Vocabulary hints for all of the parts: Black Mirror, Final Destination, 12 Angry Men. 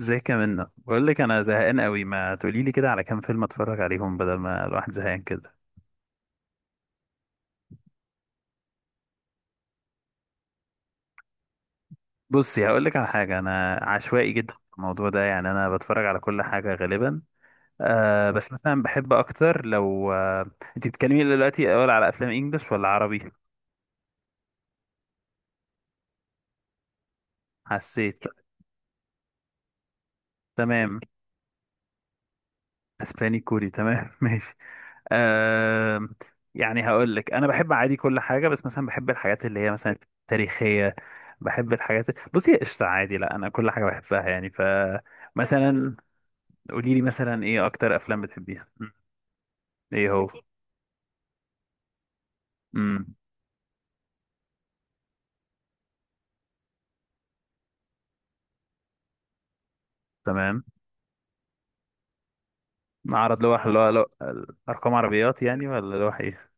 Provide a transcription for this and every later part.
ازيك يا منى؟ بقول لك انا زهقان قوي، ما تقولي لي كده على كام فيلم اتفرج عليهم بدل ما الواحد زهقان كده. بصي هقول لك على حاجه، انا عشوائي جدا في الموضوع ده، يعني انا بتفرج على كل حاجه غالبا. بس مثلا بحب اكتر لو انت بتتكلمي دلوقتي اول على افلام انجلش ولا عربي؟ حسيت. تمام. اسباني كوري تمام. ماشي. آه يعني هقول لك انا بحب عادي كل حاجه، بس مثلا بحب الحاجات اللي هي مثلا تاريخيه. بحب الحاجات. بصي قشطه، عادي، لا انا كل حاجه بحبها يعني مثلا قولي لي مثلا ايه اكتر افلام بتحبيها؟ مم. ايه هو؟ امم تمام. معرض لوح، اللي هو ارقام عربيات يعني ولا لوح ايه؟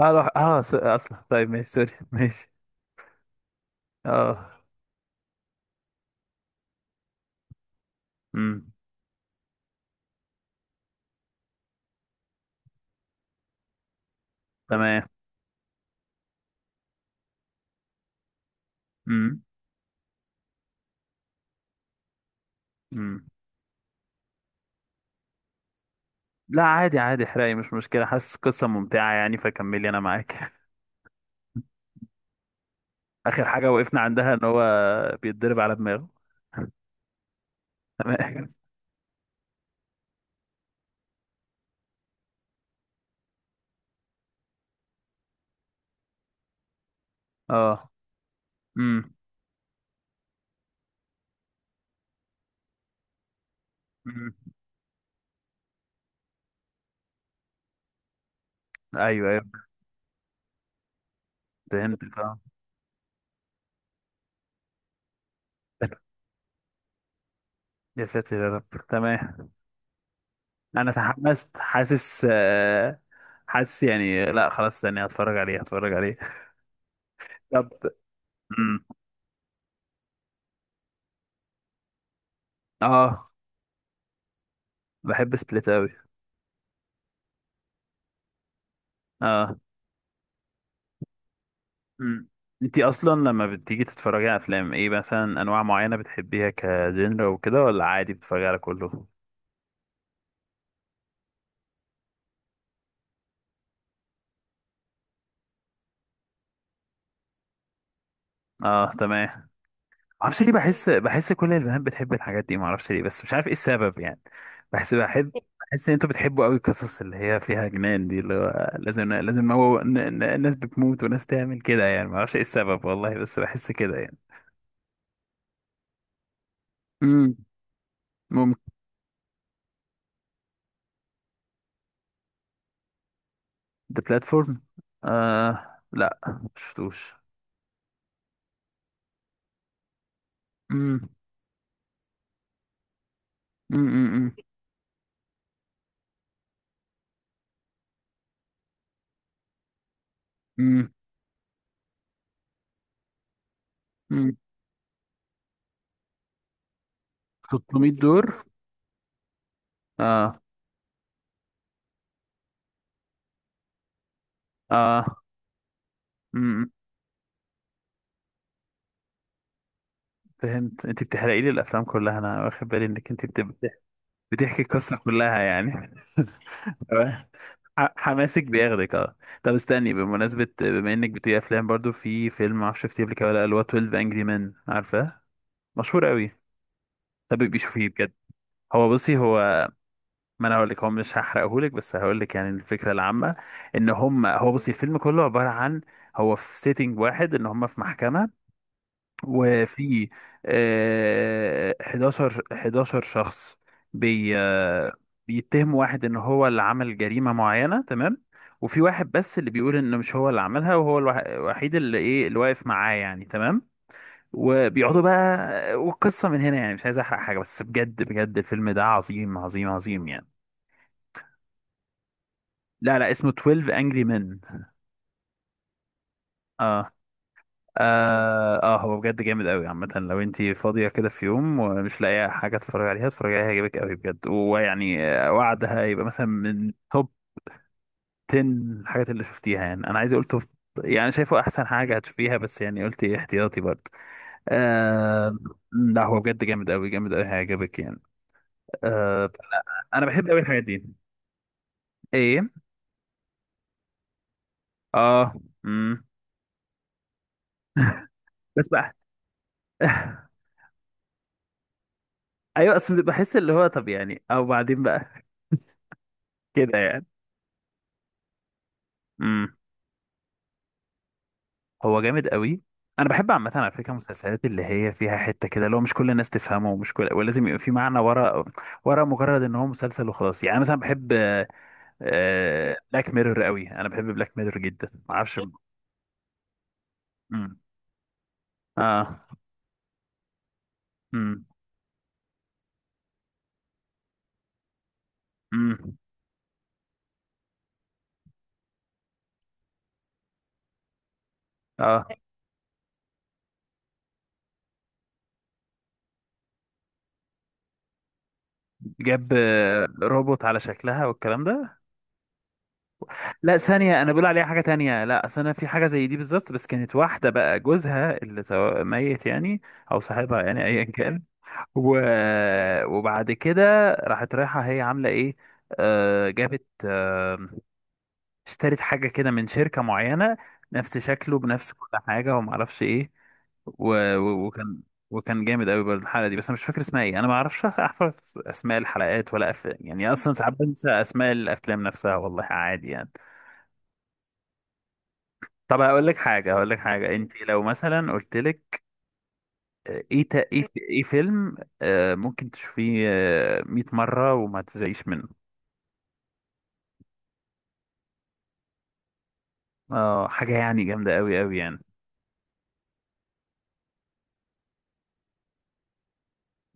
اه لوح، اصلا طيب ماشي، سوري، ماشي. اه. امم تمام. امم امم لا عادي عادي احرقي، مش مشكله، حاسس قصه ممتعه يعني فكملي انا معاك. اخر حاجه وقفنا عندها ان هو بيتضرب على دماغه. تمام. اه. امم أمم. ايوه ايوه فهمت اه. يا ساتر يا رب، تمام. انا تحمست، حاسس حاسس يعني، لا خلاص ثانية هتفرج عليه، هتفرج عليه. طب. امم اه، بحب سبليت قوي. اه. امم انتي اصلا لما بتيجي تتفرجي على افلام ايه مثلا؟ انواع معينة بتحبيها كجنرا وكده ولا عادي بتتفرجي على كله؟ اه تمام. معرفش ليه بحس، كل البنات بتحب الحاجات دي معرفش ليه، بس مش عارف ايه السبب يعني. بحب ان انتوا بتحبوا قوي القصص اللي هي فيها جنان دي، اللي هو لازم هو ناس بتموت وناس تعمل كده يعني، معرفش ايه السبب والله، بس بحس كده يعني. امم ممكن. ذا بلاتفورم، لا مشفتوش. امم امم امم امم 600 دور. اه. اه. امم فهمت، انت بتحرقي لي الافلام كلها، انا واخد بالي انك انت بتحكي القصة كلها يعني. تمام. حماسك بياخدك اه. طب استني، بمناسبة بما انك بتقري افلام برضو، في فيلم معرفش شفتيه قبل كده ولا لأ، اللي هو 12 انجري مان، عارفاه؟ مشهور قوي. طب بيبقي شوفيه بجد. بصي هو، ما انا هقول لك، هو مش هحرقه لك بس هقول لك يعني الفكرة العامة. ان هم هو بصي الفيلم كله عبارة عن، هو في سيتنج واحد ان هم في محكمة، وفي 11 شخص بي آه، بيتهم واحد ان هو اللي عمل جريمة معينة، تمام. وفي واحد بس اللي بيقول ان مش هو اللي عملها، وهو الوحيد اللي ايه، اللي واقف معاه يعني، تمام. وبيقعدوا بقى، والقصة من هنا يعني، مش عايز احرق حاجة بس بجد بجد الفيلم ده عظيم عظيم عظيم يعني. لا لا، اسمه 12 Angry Men. اه. اه. هو بجد جامد قوي. عامة لو انتي فاضية كده في يوم ومش لاقية حاجة تتفرجي عليها، اتفرجي عليها، هيعجبك قوي بجد. ويعني وعدها يبقى مثلا من توب 10 الحاجات اللي شفتيها يعني، انا عايز اقول توب، يعني شايفه احسن حاجة هتشوفيها، بس يعني قلت احتياطي برضه. آه. لا هو بجد جامد قوي، جامد قوي، هيعجبك يعني. آه. انا بحب قوي الحاجات دي. ايه. اه. امم بس بقى. ايوه اصل بحس اللي هو طب يعني، او بعدين بقى كده يعني. هو جامد قوي. انا بحب عامه على فكره المسلسلات اللي هي فيها حته كده، لو مش كل الناس تفهمه، ومش كل، ولازم يبقى في معنى ورا، ورا مجرد ان هو مسلسل وخلاص يعني. أنا مثلا بحب بلاك ميرور قوي، انا بحب بلاك ميرور جدا ما اعرفش. امم اه. امم امم اه، جاب روبوت على شكلها والكلام ده. لا ثانية، أنا بقول عليها حاجة تانية. لا أصل أنا في حاجة زي دي بالظبط، بس كانت واحدة بقى جوزها اللي ميت يعني، أو صاحبها يعني أيا كان. و... وبعد كده راحت، رايحة هي عاملة ايه؟ آه جابت، آه اشترت حاجة كده من شركة معينة، نفس شكله بنفس كل حاجة، وما اعرفش ايه. و... و... وكان وكان جامد قوي برضه الحلقة دي، بس انا مش فاكر اسمها ايه، انا ما اعرفش احفظ اسماء الحلقات ولا يعني اصلا ساعات بنسى اسماء الافلام نفسها والله، عادي يعني. طب هقول لك حاجة، انت لو مثلا قلت لك ايه، ايه فيلم ممكن تشوفيه آه 100 مرة وما تزهقيش منه؟ اه حاجة يعني جامدة أوي أوي يعني.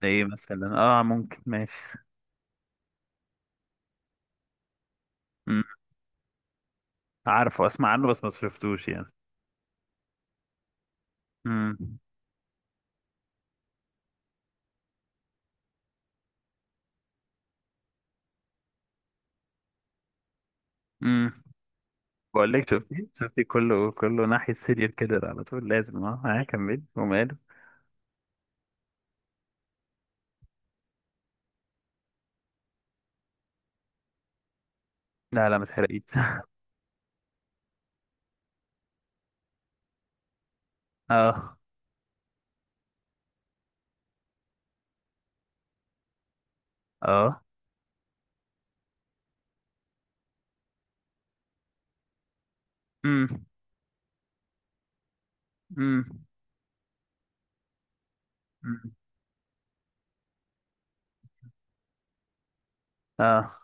ده ايه مثلا؟ اه ممكن ماشي. مم. عارفه، اسمع عنه بس ما شفتوش يعني. امم امم بقول لك، شفتي كله ناحية سيريال كده على طول، لازم اه ها كمل وماله. لا لا ما تحرقيش. اه. اه. امم امم أمم. اه.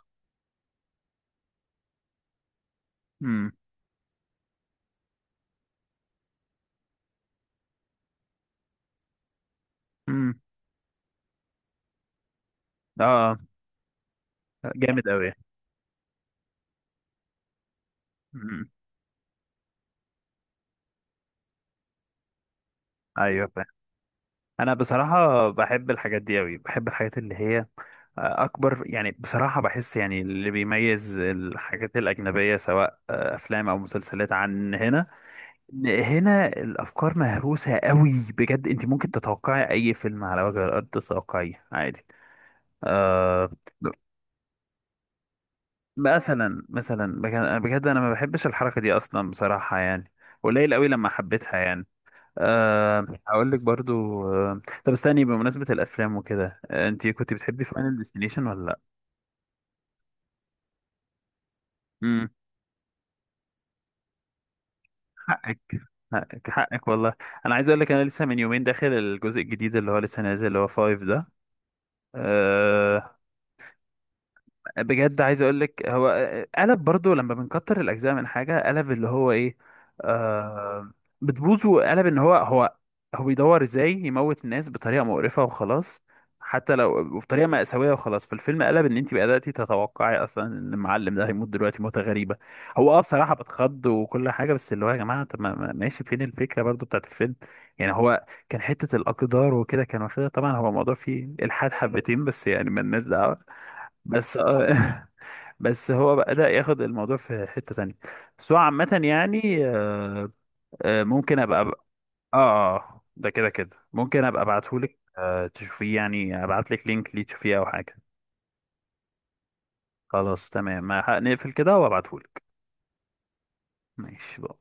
امم امم اه جامد أوي. امم ايوه. انا بصراحه بحب الحاجات دي قوي، بحب الحاجات اللي هي اكبر يعني. بصراحه بحس يعني اللي بيميز الحاجات الاجنبيه سواء افلام او مسلسلات عن هنا، إن هنا الافكار مهروسه قوي، بجد انت ممكن تتوقعي اي فيلم على وجه الارض تتوقعيه عادي. أه. مثلا بجد بجد انا ما بحبش الحركه دي اصلا بصراحه يعني، قليل قوي لما حبيتها يعني. أه هقول لك برضو. أه طب استني بمناسبة الأفلام وكده، أه انت كنت بتحبي فاينل ديستنيشن ولا لأ؟ امم حقك، حقك والله. أنا عايز أقول لك، أنا لسه من يومين داخل الجزء الجديد اللي هو لسه نازل اللي هو فايف ده. آه، بجد عايز اقول لك، هو قلب برضو لما بنكتر الاجزاء من حاجه، قلب اللي هو ايه، آه بتبوظ. وقلب ان هو هو بيدور ازاي يموت الناس بطريقه مقرفه وخلاص، حتى لو بطريقه مأساويه وخلاص. فالفيلم قلب ان انت بدأتي تتوقعي اصلا ان المعلم ده هيموت دلوقتي موته غريبه. هو اه، بصراحه بتخض وكل حاجه، بس اللي هو يا جماعه، طب ماشي فين الفكره برضو بتاعت الفيلم؟ يعني هو كان حته الاقدار وكده كان واخدها، طبعا هو الموضوع فيه الحاد حبتين، بس يعني مالناش دعوه. بس اه. بس هو بدأ ياخد الموضوع في حتة تانية. بس هو عامة يعني ممكن ابقى اه، ده كده كده ممكن ابقى ابعتهولك، تشوفيه يعني، ابعتلك لينك ليه تشوفيه او حاجة. خلاص تمام، ما هنقفل كده وابعتهولك. ماشي بقى.